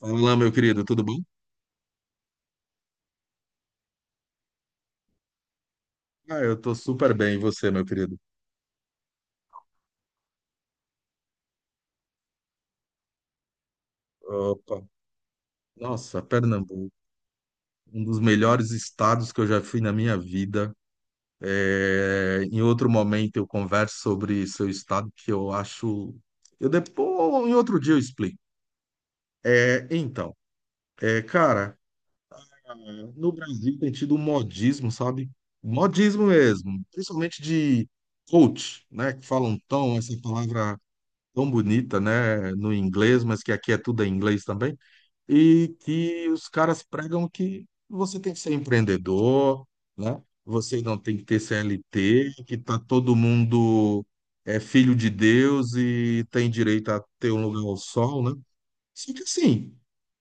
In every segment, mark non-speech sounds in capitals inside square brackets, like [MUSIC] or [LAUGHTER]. Olá, meu querido, tudo bom? Ah, eu tô super bem, e você, meu querido? Opa, nossa, Pernambuco, um dos melhores estados que eu já fui na minha vida. É, em outro momento eu converso sobre seu estado, que eu acho. Eu depois, em outro dia eu explico. É, então, é, cara, no Brasil tem tido um modismo, sabe? Modismo mesmo, principalmente de coach, né? Que falam tão, essa palavra tão bonita, né? No inglês, mas que aqui é tudo em inglês também e que os caras pregam que você tem que ser empreendedor, né? Você não tem que ter CLT, que tá todo mundo é filho de Deus e tem direito a ter um lugar ao sol, né? Só que assim,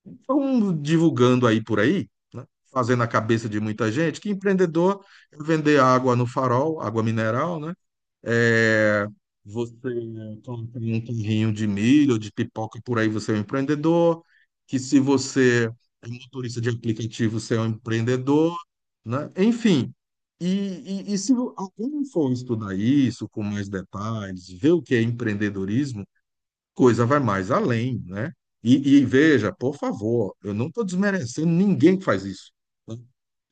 estão divulgando aí por aí, né? Fazendo a cabeça de muita gente que empreendedor é vender água no farol, água mineral, né? É, você planta um terrinho de milho, de pipoca, por aí você é um empreendedor. Que se você é um motorista de aplicativo, você é um empreendedor, né? Enfim. E se alguém for estudar isso com mais detalhes, ver o que é empreendedorismo, coisa vai mais além, né? E veja, por favor, eu não estou desmerecendo ninguém que faz isso.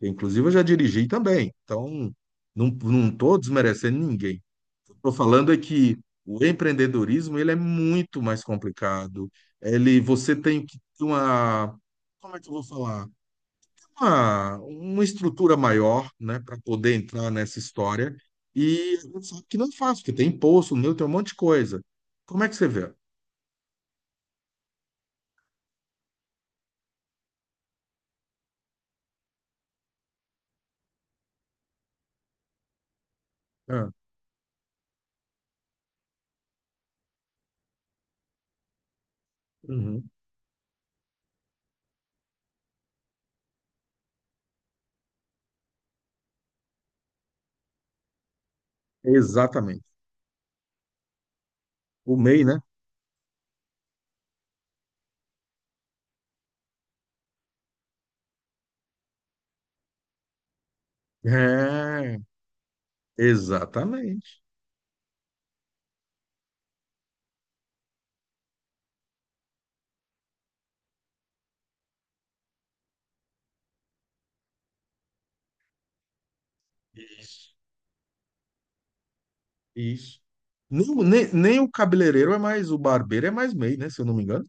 Inclusive, eu já dirigi também, então não estou desmerecendo ninguém. O que eu estou falando é que o empreendedorismo ele é muito mais complicado. Ele, você tem que ter uma, como é que eu vou falar? Uma estrutura maior, né, para poder entrar nessa história. E a gente sabe que não é fácil, porque tem imposto, o meu, tem um monte de coisa. Como é que você vê? Ah, uhum. Exatamente. O MEI, né? É, exatamente. Isso. Nem o cabeleireiro é mais, o barbeiro é mais MEI, né? Se eu não me engano.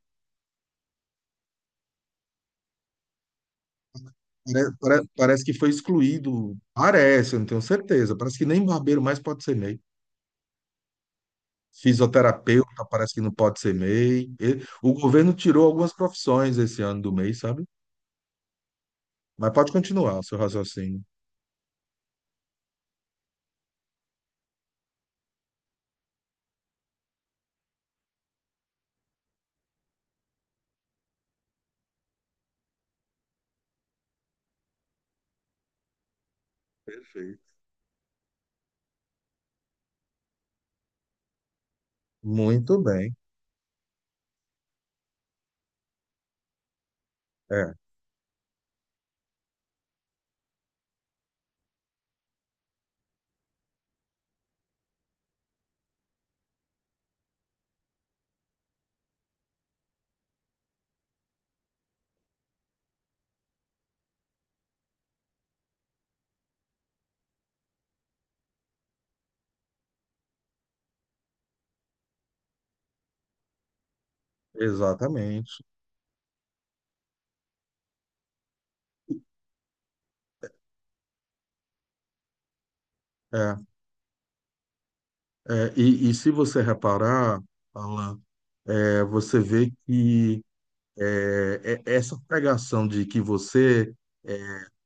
Parece, que foi excluído. Parece, eu não tenho certeza. Parece que nem barbeiro mais pode ser MEI. Fisioterapeuta parece que não pode ser MEI. O governo tirou algumas profissões esse ano do MEI, sabe? Mas pode continuar o seu raciocínio. Perfeito. Muito bem. É, exatamente. É, e se você reparar, Alan, você vê que. Essa pregação de que você, é,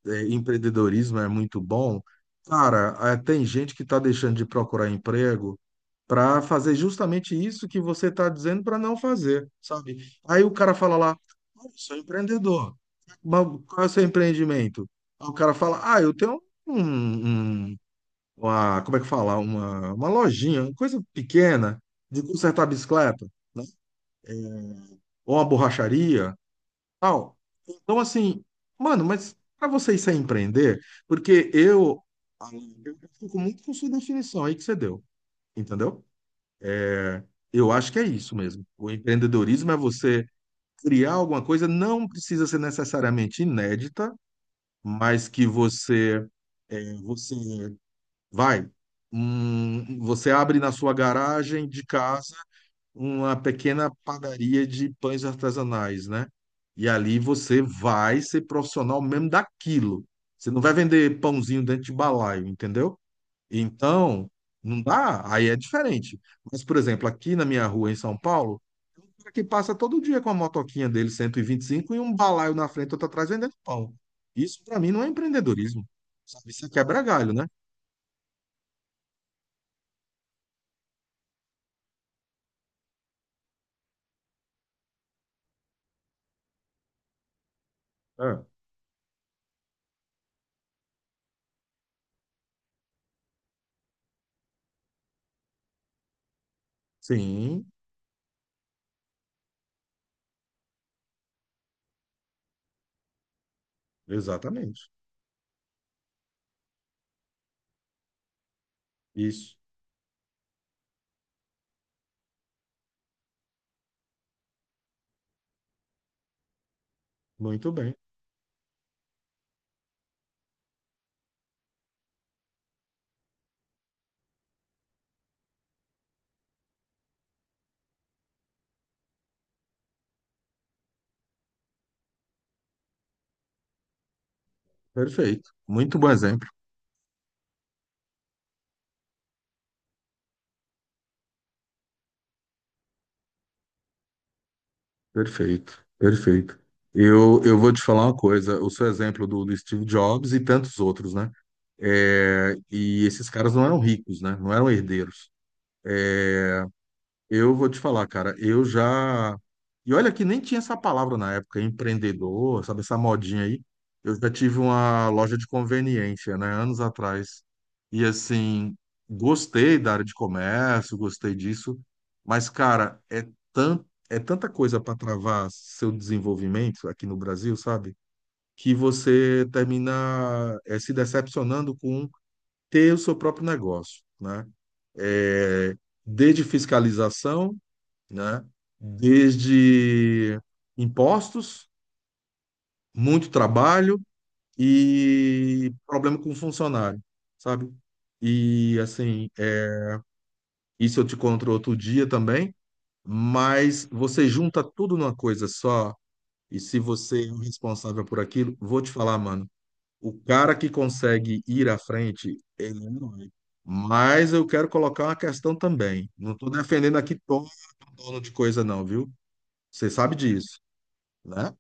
empreendedorismo é muito bom, cara, ah, tem gente que está deixando de procurar emprego para fazer justamente isso que você está dizendo para não fazer, sabe? Aí o cara fala lá, "Ah, eu sou empreendedor, mas qual é o seu empreendimento?" Aí o cara fala, ah, eu tenho um, um- uma, como é que fala? Uma lojinha, uma coisa pequena de consertar bicicleta, ou uma borracharia, tal. Então, assim, mano, mas para você isso é empreender, porque eu fico muito com sua definição aí que você deu, entendeu? É, eu acho que é isso mesmo. O empreendedorismo é você criar alguma coisa, não precisa ser necessariamente inédita, mas que você vai, você abre na sua garagem de casa uma pequena padaria de pães artesanais, né? E ali você vai ser profissional mesmo daquilo. Você não vai vender pãozinho dentro de balaio, entendeu? Então, não dá, aí é diferente. Mas, por exemplo, aqui na minha rua em São Paulo, tem um cara que passa todo dia com a motoquinha dele 125 e vinte e cinco e um balaio na frente, outro atrás vendendo pão. Isso para mim não é empreendedorismo. Sabe? Isso é quebra galho, né? É. Sim, exatamente. Isso. Muito bem. Perfeito, muito bom exemplo. Perfeito, perfeito. Eu vou te falar uma coisa, o seu exemplo do Steve Jobs e tantos outros, né? É, e esses caras não eram ricos, né? Não eram herdeiros. Eu vou te falar, cara, eu já. E olha que nem tinha essa palavra na época, empreendedor, sabe, essa modinha aí. Eu já tive uma loja de conveniência, né, anos atrás. E assim, gostei da área de comércio, gostei disso. Mas, cara, tan... é tanta coisa para travar seu desenvolvimento aqui no Brasil, sabe? Que você termina se decepcionando com ter o seu próprio negócio, né? É desde fiscalização, né? Desde impostos, muito trabalho e problema com funcionário, sabe? E assim, isso eu te conto outro dia também, mas você junta tudo numa coisa só, e se você é o responsável por aquilo, vou te falar, mano, o cara que consegue ir à frente, ele é um herói. Mas eu quero colocar uma questão também. Não estou defendendo aqui todo dono de coisa, não, viu? Você sabe disso, né?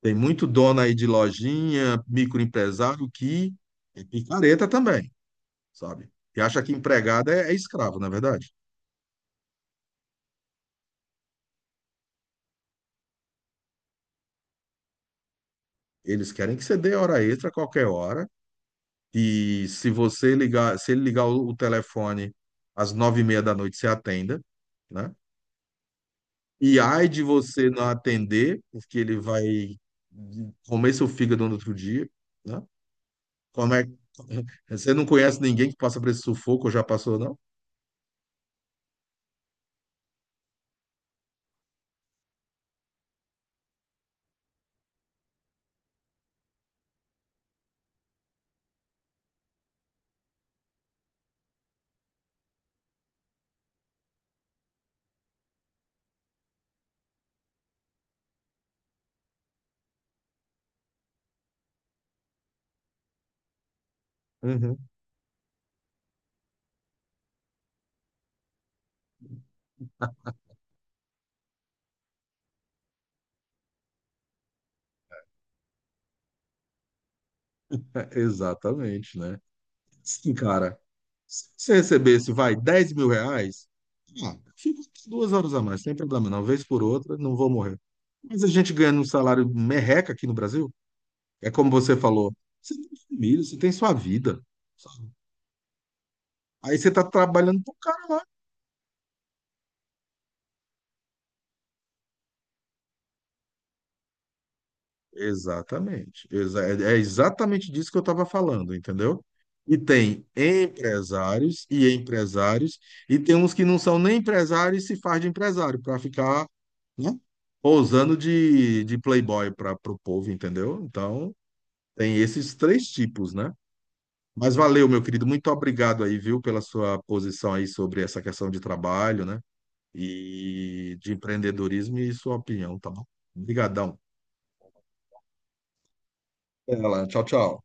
Tem muito dono aí de lojinha, microempresário que é picareta também, sabe? Que acha que empregado é escravo, na é verdade. Eles querem que você dê hora extra a qualquer hora. E se ele ligar o telefone às 21h30, você atenda, né? E ai de você não atender, porque ele vai comer seu fígado no outro dia, né? Como é, [LAUGHS] você não conhece ninguém que passa por esse sufoco ou já passou, não? Uhum. [LAUGHS] Exatamente, né? Sim, cara. Se você recebesse, vai, R$ 10.000, ah, fica 2 horas a mais, sem problema, não. Vez por outra, não vou morrer. Mas a gente ganhando um salário merreca aqui no Brasil, é como você falou, você tem família, você tem sua vida, sabe? Aí você tá trabalhando pro cara. Exatamente. É exatamente disso que eu estava falando, entendeu? E tem empresários e empresários, e tem uns que não são nem empresários e se faz de empresário para ficar, né, pousando de playboy para o povo, entendeu? Então, tem esses três tipos, né? Mas valeu, meu querido. Muito obrigado aí, viu, pela sua posição aí sobre essa questão de trabalho, né? E de empreendedorismo e sua opinião, tá bom? Obrigadão. Até lá. Tchau, tchau.